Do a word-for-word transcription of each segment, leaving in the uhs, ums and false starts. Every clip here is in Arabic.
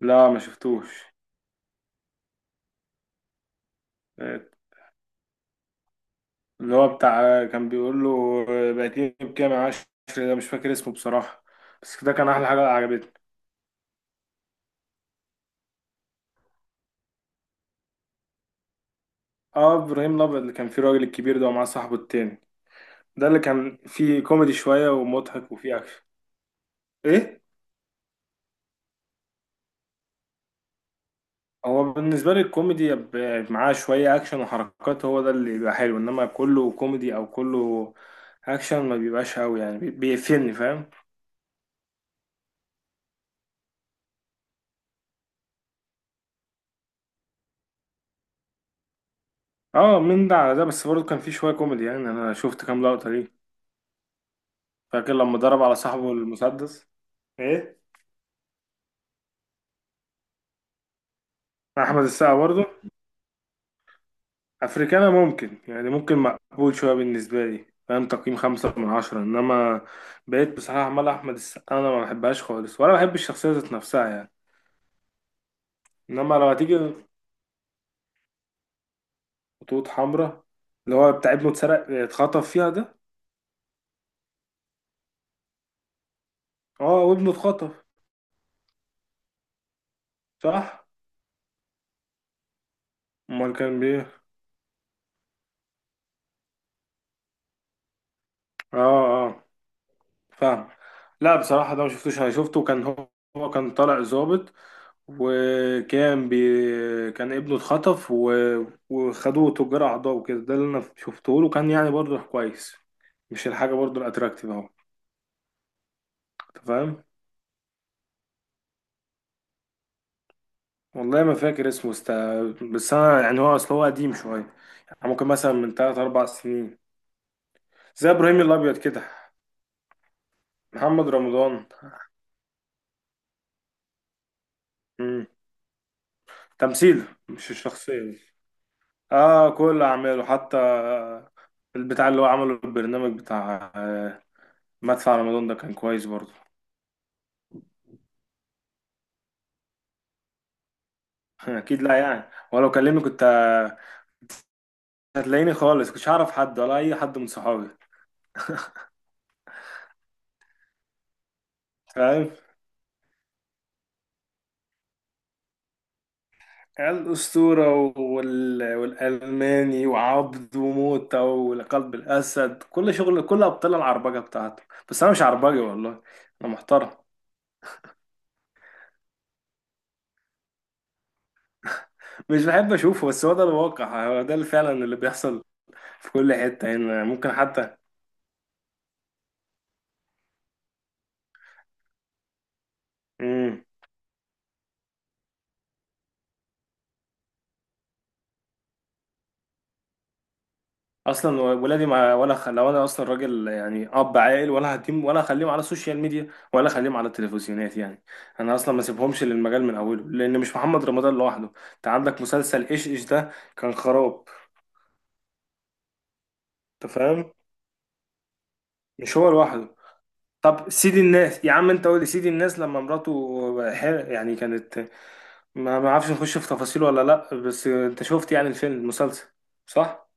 لا ما شفتوش. اللي هو بتاع كان بيقول له بقيتيني بكام يا عشري، ده مش فاكر اسمه بصراحة، بس ده كان أحلى حاجة عجبتني. اه، إبراهيم الأبيض اللي كان فيه الراجل الكبير ده ومعاه صاحبه التاني. ده اللي كان فيه كوميدي شوية ومضحك وفيه أكشن. إيه؟ هو بالنسبة لي الكوميدي يبقى معاه شوية أكشن وحركات، هو ده اللي بيبقى حلو، إنما كله كوميدي أو كله أكشن ما بيبقاش أوي، يعني بي- بيقفلني، فاهم؟ اه، من ده على ده، بس برضه كان فيه شوية كوميدي، يعني أنا شفت كام لقطة ليه، فاكر لما ضرب على صاحبه المسدس. ايه، احمد السقا برضه. افريكانا ممكن، يعني ممكن مقبول شويه بالنسبه لي، فاهم، تقييم خمسة من عشرة، انما بقيت بصراحه عمال احمد السقا انا ما بحبهاش خالص، ولا بحب الشخصيه ذات نفسها يعني. انما لو هتيجي خطوط حمراء، اللي هو بتاع ابنه اتسرق، اتخطف فيها ده. اه، وابنه اتخطف. صح، امال كان بيه. اه، اه، فاهم. لا بصراحه ده ما شفتوش، انا شفته كان هو، هو كان طالع ظابط، وكان بي... كان ابنه اتخطف و... وخدوه تجار اعضاء وكده، ده اللي انا شفته له كان يعني برضه كويس، مش الحاجه برضه الاتراكتيف اهو. انت فاهم؟ والله ما فاكر اسمه است... بس انا يعني هو اصل هو قديم شويه، يعني ممكن مثلا من تلاتة أربعة سنين زي ابراهيم الابيض كده. محمد رمضان. مم. تمثيل، مش الشخصيه دي. اه كل اعماله حتى، البتاع اللي هو عمله البرنامج بتاع آه، مدفع رمضان ده كان كويس برضه. اكيد لا يعني، ولو كلمني كنت هتلاقيني خالص، كنتش هعرف حد ولا اي حد من صحابي، فاهم. الاسطوره وال... والالماني وعبد وموتة وقلب الاسد، كل شغل، كل ابطال العربجه بتاعته. بس انا مش عربجي والله، انا محترم. مش بحب اشوفه، بس هو ده الواقع، هو ده اللي فعلا اللي بيحصل في كل حته هنا يعني. ممكن حتى. مم. اصلا ولادي ما ولا خ... لو انا اصلا راجل يعني اب عاقل، ولا هديم ولا اخليهم على السوشيال ميديا، ولا اخليهم على التلفزيونات يعني. انا اصلا ما سيبهمش للمجال من اوله، لان مش محمد رمضان لوحده، انت عندك مسلسل ايش ايش ده، كان خراب. انت فاهم؟ مش هو لوحده. طب سيدي الناس، يا عم انت قول لي سيدي الناس، لما مراته ح- يعني كانت، ما ما اعرفش نخش في تفاصيل ولا لا، بس انت شفت يعني الفيلم المسلسل؟ صح.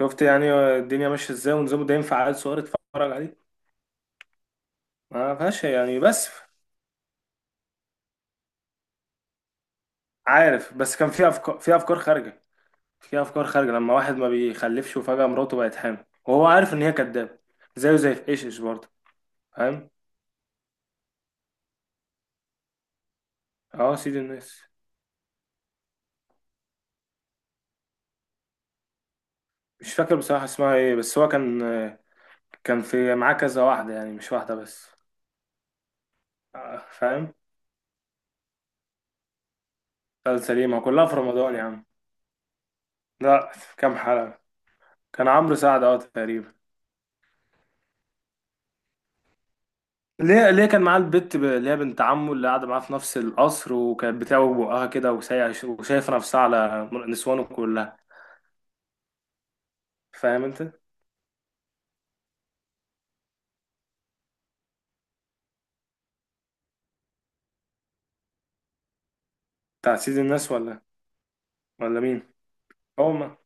شفت يعني الدنيا ماشيه ازاي ونظامه، ده ينفع عيل صغير يتفرج عليه؟ ما فيهاش يعني، بس عارف بس كان في افكار، في افكار خارجه. في افكار خارجه، لما واحد ما بيخلفش وفجاه مراته بقت حامل وهو عارف ان هي كدابه، زيه زي في ايش ايش برضه، فاهم. اه سيد الناس. مش فاكر بصراحه اسمها ايه، بس هو كان، كان في معاه كذا واحده يعني، مش واحده بس. آه، فاهم. مسلسل ايه؟ ما كلها في رمضان يا عم. لا. كام حلقه؟ كان عمرو سعد اه تقريبا. ليه ليه كان معاه البت ب- اللي هي بنت عمه اللي قاعده معاه في نفس القصر، وكانت بتعوج بقها كده وسايع- وشايفه نفسها على نسوانه كلها. فاهم انت؟ بتاع سيد الناس ولا، ولا مين؟ هو ما،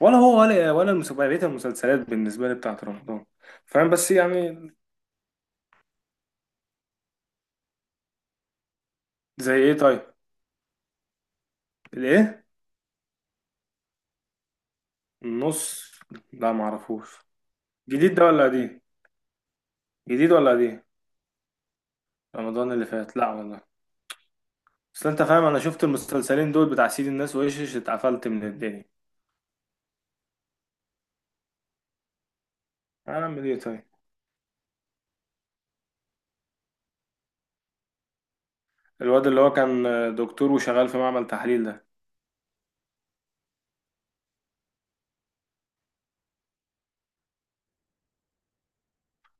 ولا هو ولا ولا المس- بقية المسلسلات بالنسبة لي بتاعت رمضان. فاهم بس يعني. زي ايه طيب؟ الايه؟ النص؟ لا معرفوش. جديد ده ولا قديم؟ جديد ولا قديم؟ رمضان اللي فات؟ لا والله. بس انت فاهم انا شفت المسلسلين دول بتاع سيد الناس وايش، اتقفلت من الدنيا. هنعمل ايه طيب؟ الواد اللي هو كان دكتور وشغال في معمل تحليل ده،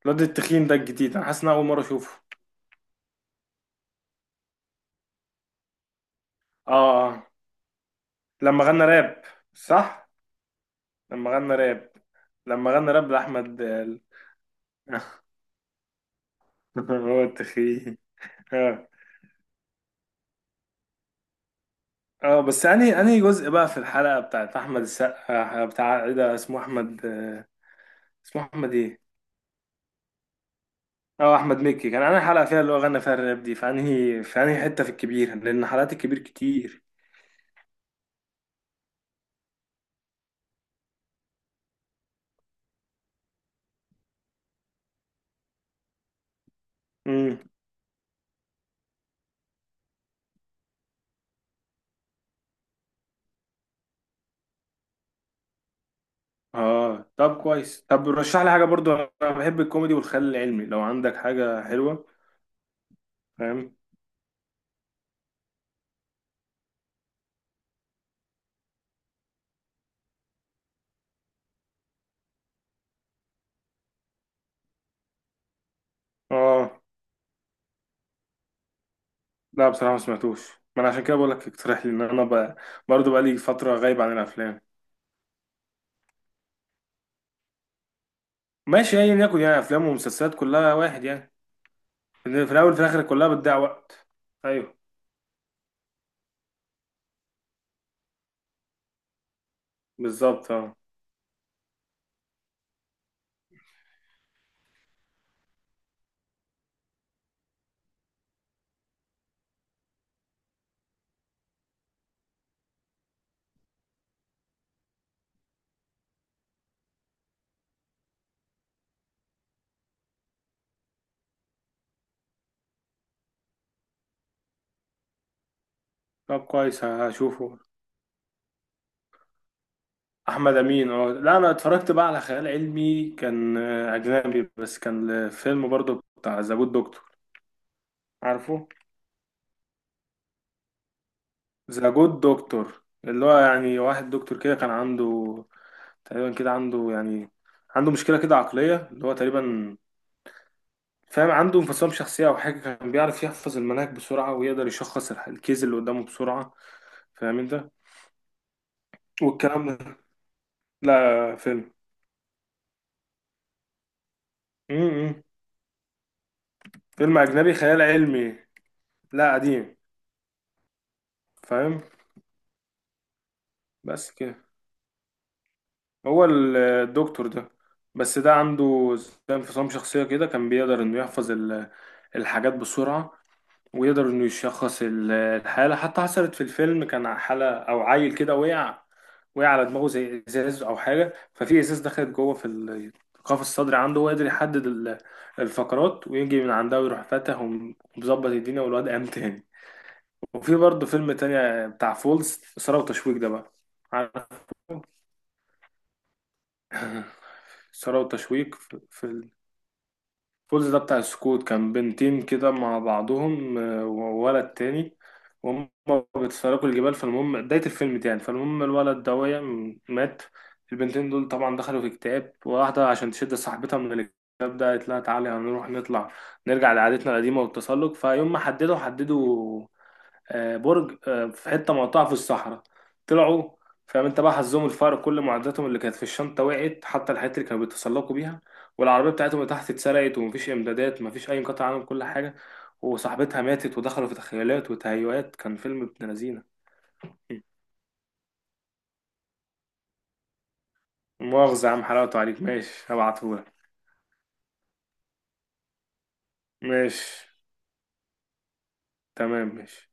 الواد التخين ده الجديد، انا حاسس ان أنا اول مرة اشوفه. اه، اه. لما غنى راب. صح. لما غنى راب. لما غنى راب لأحمد دال. هو التخين. اه، اه. بس انهي انهي جزء بقى في الحلقة بتاعت أحمد السقا، بتاع ايه ده، اسمه أحمد، آه، اسمه أحمد ايه؟ اه، أحمد مكي كان. أنا حلقة فيها اللي هو غنى فيها الراب دي في انهي، في انهي حتة في الكبير، لأن حلقات الكبير كتير. امم اه، طب كويس. طب رشح لي حاجة برضو، أنا بحب الكوميدي والخيال العلمي، لو عندك حاجة حلوة، فاهم؟ اه، لا بصراحة ما سمعتوش. ما انا عشان كده بقول لك اقترح لي، ان انا بقى برضه بقى لي فترة غايب عن الافلام. ماشي، ايا يكن يعني، افلام ومسلسلات كلها واحد يعني، في في الاول وفي الاخر كلها بتضيع وقت. ايوه بالظبط اه. طب كويس، ه- هشوفه. احمد امين اه. لا انا اتفرجت بقى على خيال علمي كان آه، اجنبي، بس كان فيلم برضه بتاع ذا جود دكتور، عارفه. ذا جود دكتور اللي هو يعني واحد دكتور كده كان عنده تقريبا كده، عنده يعني، عنده مشكلة كده عقلية، اللي هو تقريبا فاهم، عنده انفصام شخصية أو حاجة، كان بيعرف يحفظ المناهج بسرعة، ويقدر يشخص الح- الكيس اللي قدامه بسرعة، فاهم أنت والكلام ده. لا فيلم. امم، فيلم أجنبي خيال علمي. لا قديم. فاهم. بس كده هو ال- الدكتور ده، بس ده عنده زي انفصام شخصية كده، كان بيقدر إنه يحفظ ال- الحاجات بسرعة، ويقدر انه يشخص ال- الحالة. حتى حصلت في الفيلم، كان حالة او عيل كده وقع، وقع على دماغه زي ازاز او حاجة، ففي ازاز دخلت جوه في ال- القفص الصدري عنده، وقدر يحدد ال- الفقرات ويجي من عندها، ويروح فاتح وم- ومظبط الدنيا، والواد قام تاني. وفي برضه فيلم تاني بتاع فولز، إثارة وتشويق ده بقى، عارف. إثارة وتشويق في فولز ده بتاع السكوت، كان بنتين كده مع بعضهم آه، وولد تاني، وهم بيتسلقوا الجبال. فالمهم بداية الفيلم يعني، فالمهم الولد ده وقع، م- مات. البنتين دول طبعا دخلوا في اكتئاب، واحدة عشان تشد صاحبتها من الاكتئاب ده، قالت لها تعالي هنروح نطلع، نرجع لعادتنا القديمة والتسلق. فيوم ما حددوا حددوا آه، برج آه، في حته مقطعه في الصحراء، طلعوا، فاهم انت. بقى حظهم الفقر، كل معداتهم اللي كانت في الشنطه وقعت، حتى الحاجات اللي كانوا بيتسلقوا بيها، والعربيه بتاعتهم اللي تحت اتسرقت، ومفيش امدادات، مفيش اي انقطاع عنهم، كل حاجه. وصاحبتها ماتت ودخلوا في تخيلات وتهيؤات، كان فيلم ابن لذينه. مؤاخذه يا عم، حلاوته عليك ماشي، هبعتهولك. ماشي تمام، ماشي.